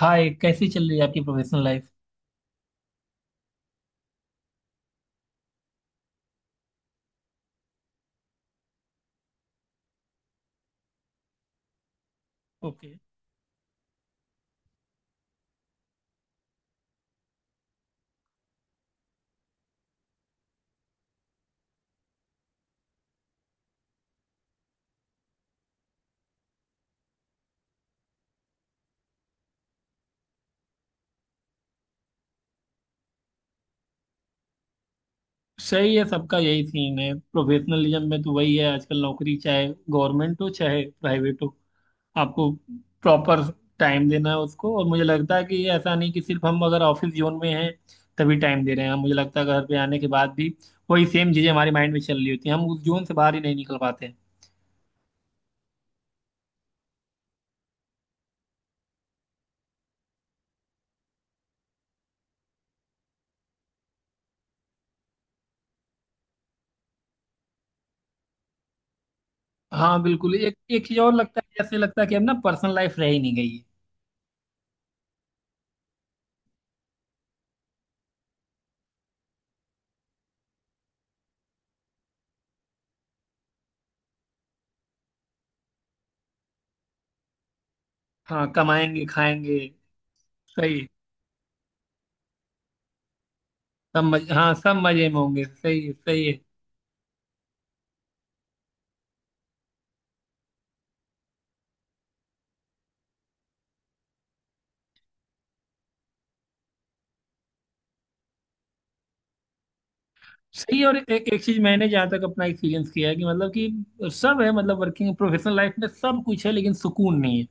हाय, कैसी चल रही है आपकी प्रोफेशनल लाइफ? ओके। सही है, सबका यही सीन है। प्रोफेशनलिज्म में तो वही है आजकल। नौकरी चाहे गवर्नमेंट हो चाहे प्राइवेट हो, आपको प्रॉपर टाइम देना है उसको। और मुझे लगता है कि ये ऐसा नहीं कि सिर्फ हम अगर ऑफिस जोन में हैं तभी टाइम दे रहे हैं। मुझे लगता है घर पे आने के बाद भी वही सेम चीज़ें हमारे माइंड में चल रही होती हैं, हम उस जोन से बाहर ही नहीं निकल पाते हैं। हाँ, बिल्कुल। एक एक चीज़ और लगता है, जैसे लगता है कि अब ना पर्सनल लाइफ रह ही नहीं गई है। हाँ, कमाएंगे खाएंगे। सही। सब मज हाँ, सब मजे में होंगे। सही है, सही है। सही है। और एक एक चीज मैंने जहाँ तक अपना एक्सपीरियंस किया है कि मतलब कि सब है, मतलब वर्किंग प्रोफेशनल लाइफ में सब कुछ है लेकिन सुकून नहीं है।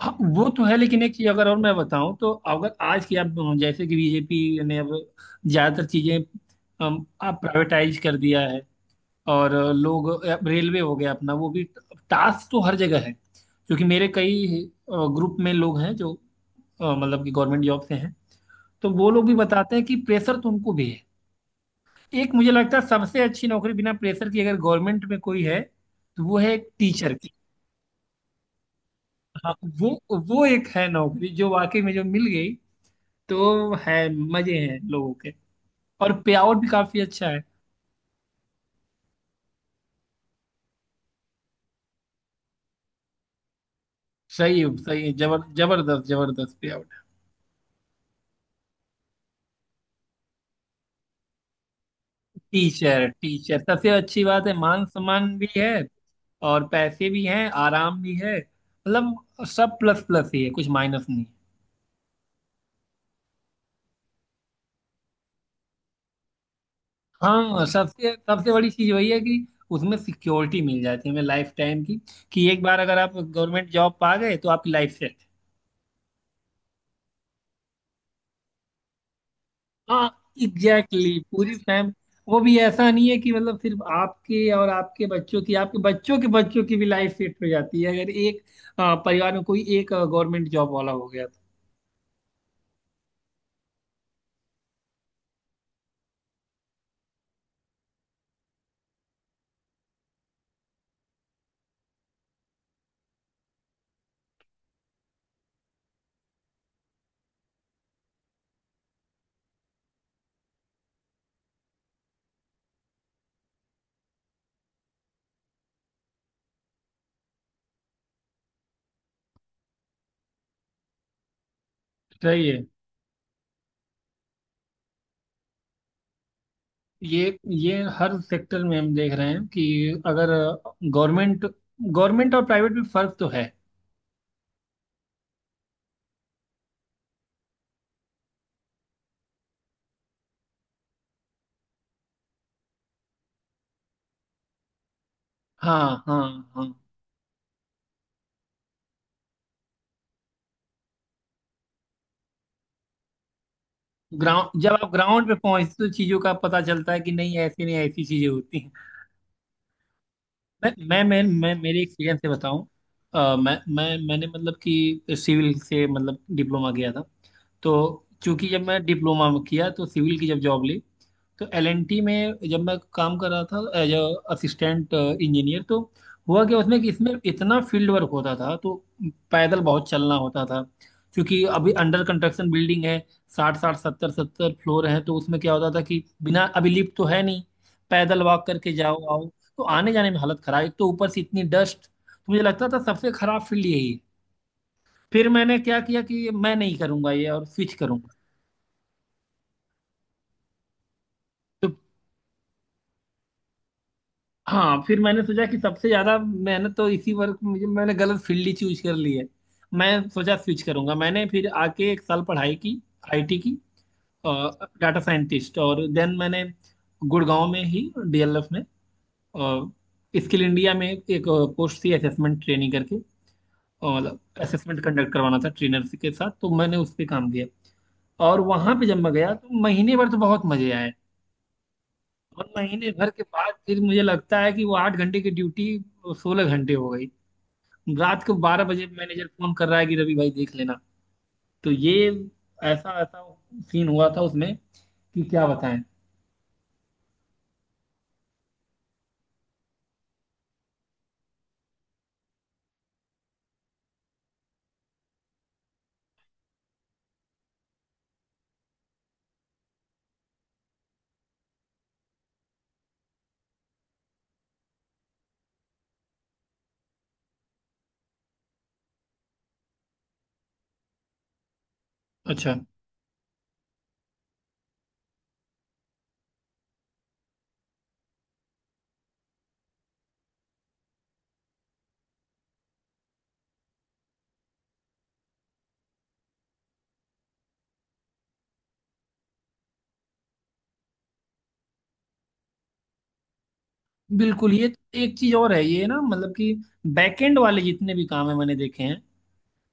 हाँ, वो तो है। लेकिन एक चीज अगर और मैं बताऊं, तो अगर आज की आप, जैसे कि BJP ने अब ज्यादातर चीजें आप प्राइवेटाइज कर दिया है, और लोग, अब रेलवे हो गया अपना, वो भी टास्क तो हर जगह है, क्योंकि मेरे कई ग्रुप में लोग हैं जो मतलब कि गवर्नमेंट जॉब से हैं, तो वो लोग भी बताते हैं कि प्रेशर तो उनको भी है। एक मुझे लगता है सबसे अच्छी नौकरी बिना प्रेशर की अगर गवर्नमेंट में कोई है, तो वो है एक टीचर की। हाँ। वो वो एक है नौकरी जो वाकई में, जो मिल गई तो है, मजे हैं लोगों के, और पे आउट भी काफी अच्छा है। सही, सही है। जबरदस्त जबरदस्त पे आउट। टीचर टीचर सबसे अच्छी बात है, मान सम्मान भी है और पैसे भी हैं, आराम भी है। मतलब सब प्लस प्लस ही है, कुछ माइनस नहीं। हाँ। सबसे सबसे बड़ी चीज वही है कि उसमें सिक्योरिटी मिल जाती है हमें लाइफ टाइम की, कि एक बार अगर आप गवर्नमेंट जॉब पा गए तो आपकी लाइफ सेट है। हाँ। एग्जैक्टली, पूरी फैम वो भी ऐसा नहीं है कि मतलब सिर्फ आपके और आपके बच्चों की, आपके बच्चों के बच्चों की भी लाइफ सेट हो जाती है अगर एक परिवार में कोई एक गवर्नमेंट जॉब वाला हो गया तो। सही है। ये हर सेक्टर में हम देख रहे हैं कि अगर गवर्नमेंट, और प्राइवेट में फर्क तो है। हाँ, हाँ, हाँ। ग्राउंड जब आप ग्राउंड पे पहुंचते हो, तो चीजों का पता चलता है कि नहीं ऐसी, चीजें होती हैं। मैं मेरे एक्सपीरियंस से बताऊं। मैंने मतलब कि सिविल से, मतलब डिप्लोमा किया था। तो चूंकि जब मैं डिप्लोमा में किया तो सिविल की जब जॉब ली, तो LNT में जब मैं काम कर रहा था एज असिस्टेंट इंजीनियर, तो हुआ क्या उसमें कि इसमें इतना फील्ड वर्क होता था तो पैदल बहुत चलना होता था, क्योंकि अभी अंडर कंस्ट्रक्शन बिल्डिंग है, साठ साठ सत्तर सत्तर फ्लोर है, तो उसमें क्या होता था कि बिना, अभी लिफ्ट तो है नहीं, पैदल वॉक करके जाओ आओ, तो आने जाने में हालत खराब, एक तो ऊपर से इतनी डस्ट, तो मुझे लगता था सबसे खराब फील्ड यही है। फिर मैंने क्या किया कि मैं नहीं करूंगा ये, और स्विच करूँ। तो हाँ, फिर मैंने सोचा कि सबसे ज्यादा मेहनत तो इसी वर्क में, मुझे, मैंने गलत फील्ड ही चूज कर ली है। मैं सोचा स्विच करूंगा। मैंने फिर आके एक साल पढ़ाई की IT की, डाटा साइंटिस्ट, और देन मैंने गुड़गांव में ही DLF में, स्किल इंडिया में एक पोस्ट थी असेसमेंट ट्रेनिंग करके, और मतलब असेसमेंट कंडक्ट करवाना था ट्रेनर के साथ, तो मैंने उस पर काम किया। और वहां पे जब मैं गया तो महीने भर तो बहुत मजे आए, और महीने भर के बाद फिर मुझे लगता है कि वो 8 घंटे की ड्यूटी 16 घंटे हो गई, रात को 12 बजे मैनेजर फोन कर रहा है कि रवि भाई देख लेना। तो ये ऐसा ऐसा सीन हुआ था उसमें, कि क्या बताएं। अच्छा। बिल्कुल। ये तो एक चीज और है, ये ना मतलब कि बैकएंड वाले जितने भी काम है मैंने देखे हैं,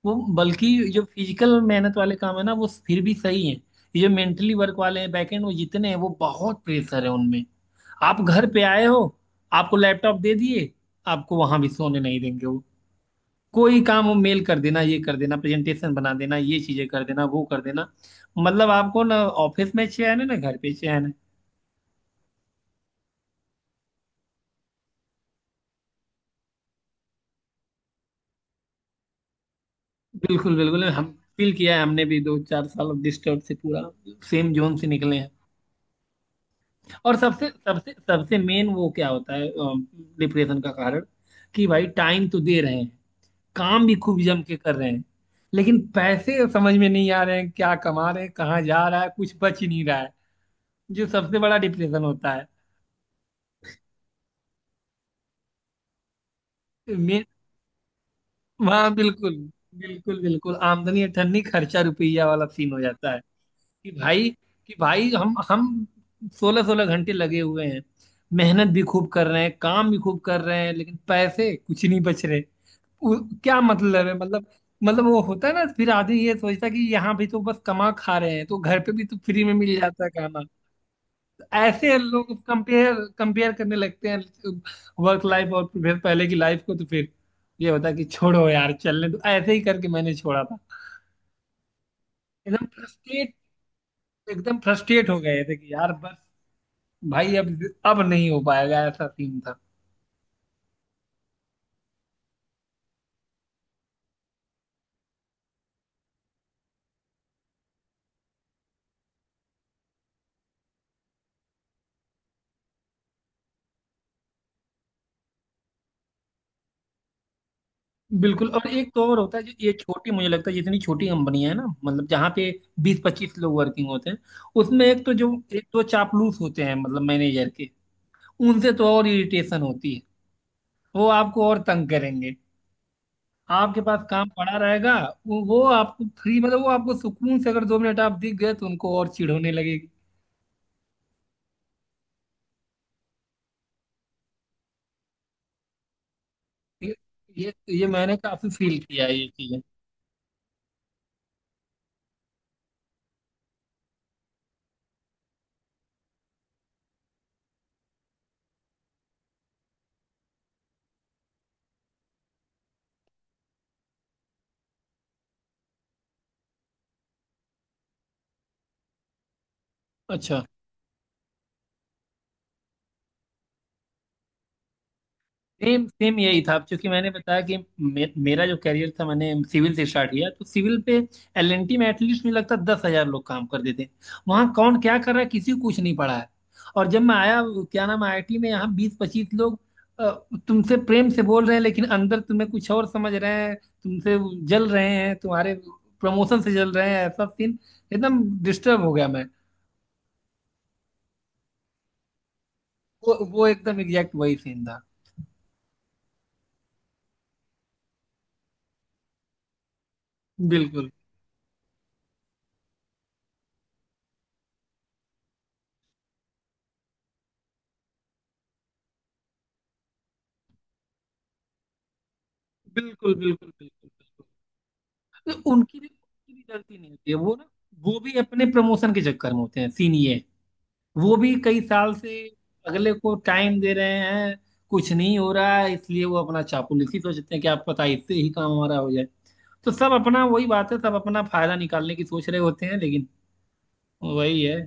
वो, बल्कि जो फिजिकल मेहनत वाले काम है ना, वो फिर भी सही है। ये जो मेंटली वर्क वाले हैं बैकएंड, वो जितने हैं, वो बहुत प्रेशर है उनमें। आप घर पे आए हो, आपको लैपटॉप दे दिए, आपको वहां भी सोने नहीं देंगे वो, कोई काम, वो मेल कर देना, ये कर देना, प्रेजेंटेशन बना देना, ये चीजें कर देना, वो कर देना। मतलब आपको ना ऑफिस में चैन है ना घर पे चैन है। बिल्कुल, बिल्कुल। हम फील किया है हमने भी, 2-4 साल अब डिस्टर्ब से पूरा सेम जोन से निकले हैं। और सबसे सबसे सबसे मेन वो क्या होता है डिप्रेशन का कारण, कि भाई टाइम तो दे रहे हैं, काम भी खूब जम के कर रहे हैं, लेकिन पैसे समझ में नहीं आ रहे हैं, क्या कमा रहे हैं, कहाँ जा रहा है, कुछ बच ही नहीं रहा है, जो सबसे बड़ा डिप्रेशन होता है। मे वहाँ, बिल्कुल, बिल्कुल, बिल्कुल, आमदनी अठन्नी खर्चा रुपया वाला सीन हो जाता है, कि भाई, हम 16-16 घंटे लगे हुए हैं, मेहनत भी खूब कर रहे हैं, काम भी खूब कर रहे हैं, लेकिन पैसे कुछ नहीं बच रहे। क्या मतलब है? मतलब, वो होता है ना, फिर आदमी ये सोचता है कि यहाँ भी तो बस कमा खा रहे हैं, तो घर पे भी तो फ्री में मिल जाता है खाना। ऐसे लोग कंपेयर कंपेयर करने लगते हैं वर्क लाइफ और फिर पहले की लाइफ को, तो फिर ये होता है कि छोड़ो यार, चलने, तो ऐसे ही करके मैंने छोड़ा था। एकदम फ्रस्ट्रेट। हो गए थे कि यार बस, भाई अब, नहीं हो पाएगा, ऐसा सीन था। बिल्कुल। और एक तो और होता है जो, ये छोटी मुझे लगता है जितनी छोटी कंपनियां है ना, मतलब जहाँ पे 20-25 लोग वर्किंग होते हैं, उसमें एक तो जो, एक तो चापलूस होते हैं, मतलब मैनेजर के। उनसे तो और इरिटेशन होती है, वो आपको और तंग करेंगे, आपके पास काम पड़ा रहेगा। वो आपको फ्री मतलब वो आपको सुकून से, अगर 2 मिनट आप दिख गए तो उनको और चिढ़ होने लगेगी। ये ये ये मैंने काफी फील किया है, ये चीजें। अच्छा। सेम सेम यही था। अब चूंकि मैंने बताया कि मेरा जो करियर था, मैंने सिविल से स्टार्ट किया, तो सिविल पे LNT में एटलीस्ट मुझे लगता है 10,000 लोग काम करते थे, वहाँ कौन क्या कर रहा है किसी को कुछ नहीं पड़ा है। और जब मैं आया, क्या नाम, IIT में, यहाँ 20-25 लोग अ, तुमसे प्रेम से बोल रहे हैं लेकिन अंदर तुम्हें कुछ और समझ रहे हैं, तुमसे जल रहे हैं, तुम्हारे प्रमोशन से जल रहे हैं, ऐसा सीन। एकदम डिस्टर्ब हो गया मैं। वो एकदम एग्जैक्ट वही सीन था। बिल्कुल, बिल्कुल, बिल्कुल, बिल्कुल, बिल्कुल। तो उनकी भी गलती नहीं होती है, वो ना, वो भी अपने प्रमोशन के चक्कर में होते हैं, सीन ये है। वो भी कई साल से अगले को टाइम दे रहे हैं, कुछ नहीं हो रहा है, इसलिए वो अपना चापलूसी ही सोचते हैं कि आप पता है, इससे ही काम हमारा हो जाए, तो सब अपना वही बात है, सब अपना फायदा निकालने की सोच रहे होते हैं, लेकिन वही है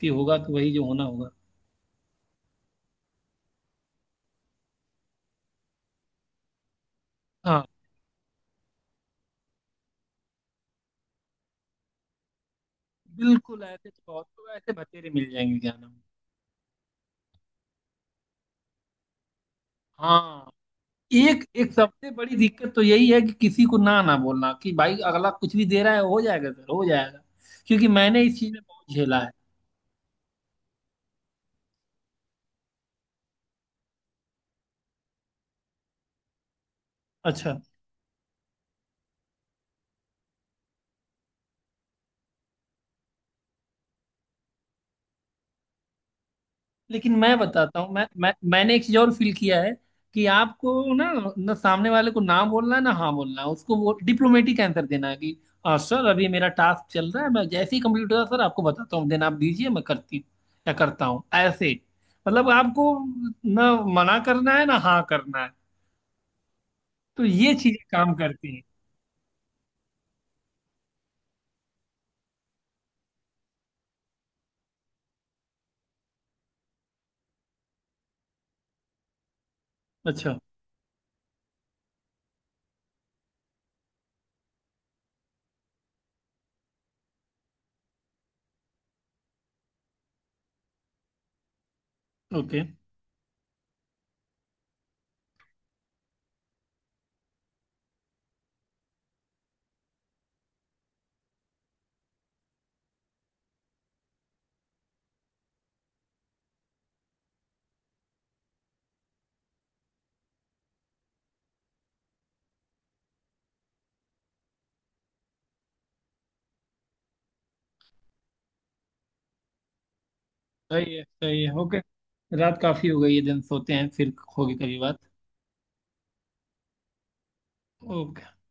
कि होगा तो वही जो होना होगा। हाँ, बिल्कुल। ऐसे तो बहुत लोग ऐसे बतेरे मिल जाएंगे, क्या नाम। हाँ। एक एक सबसे बड़ी दिक्कत तो यही है कि किसी को ना, ना बोलना, कि भाई अगला कुछ भी दे रहा है हो जाएगा सर, हो जाएगा, क्योंकि मैंने इस चीज में बहुत झेला है। अच्छा। लेकिन मैं बताता हूँ, मैंने एक चीज और फील किया है कि आपको ना, ना सामने वाले को ना बोलना है, ना हाँ बोलना है। उसको वो डिप्लोमेटिक आंसर देना है कि "सर अभी मेरा टास्क चल रहा है, मैं जैसे ही कंप्लीट होगा सर आपको बताता हूँ, देन आप दीजिए मैं करती हूँ या करता हूँ", ऐसे। मतलब आपको ना मना करना है ना हाँ करना है, तो ये चीजें काम करती हैं। अच्छा। ओके। सही है, सही है। ओके, रात काफी हो गई है, दिन सोते हैं, फिर होगी कभी बात। ओके।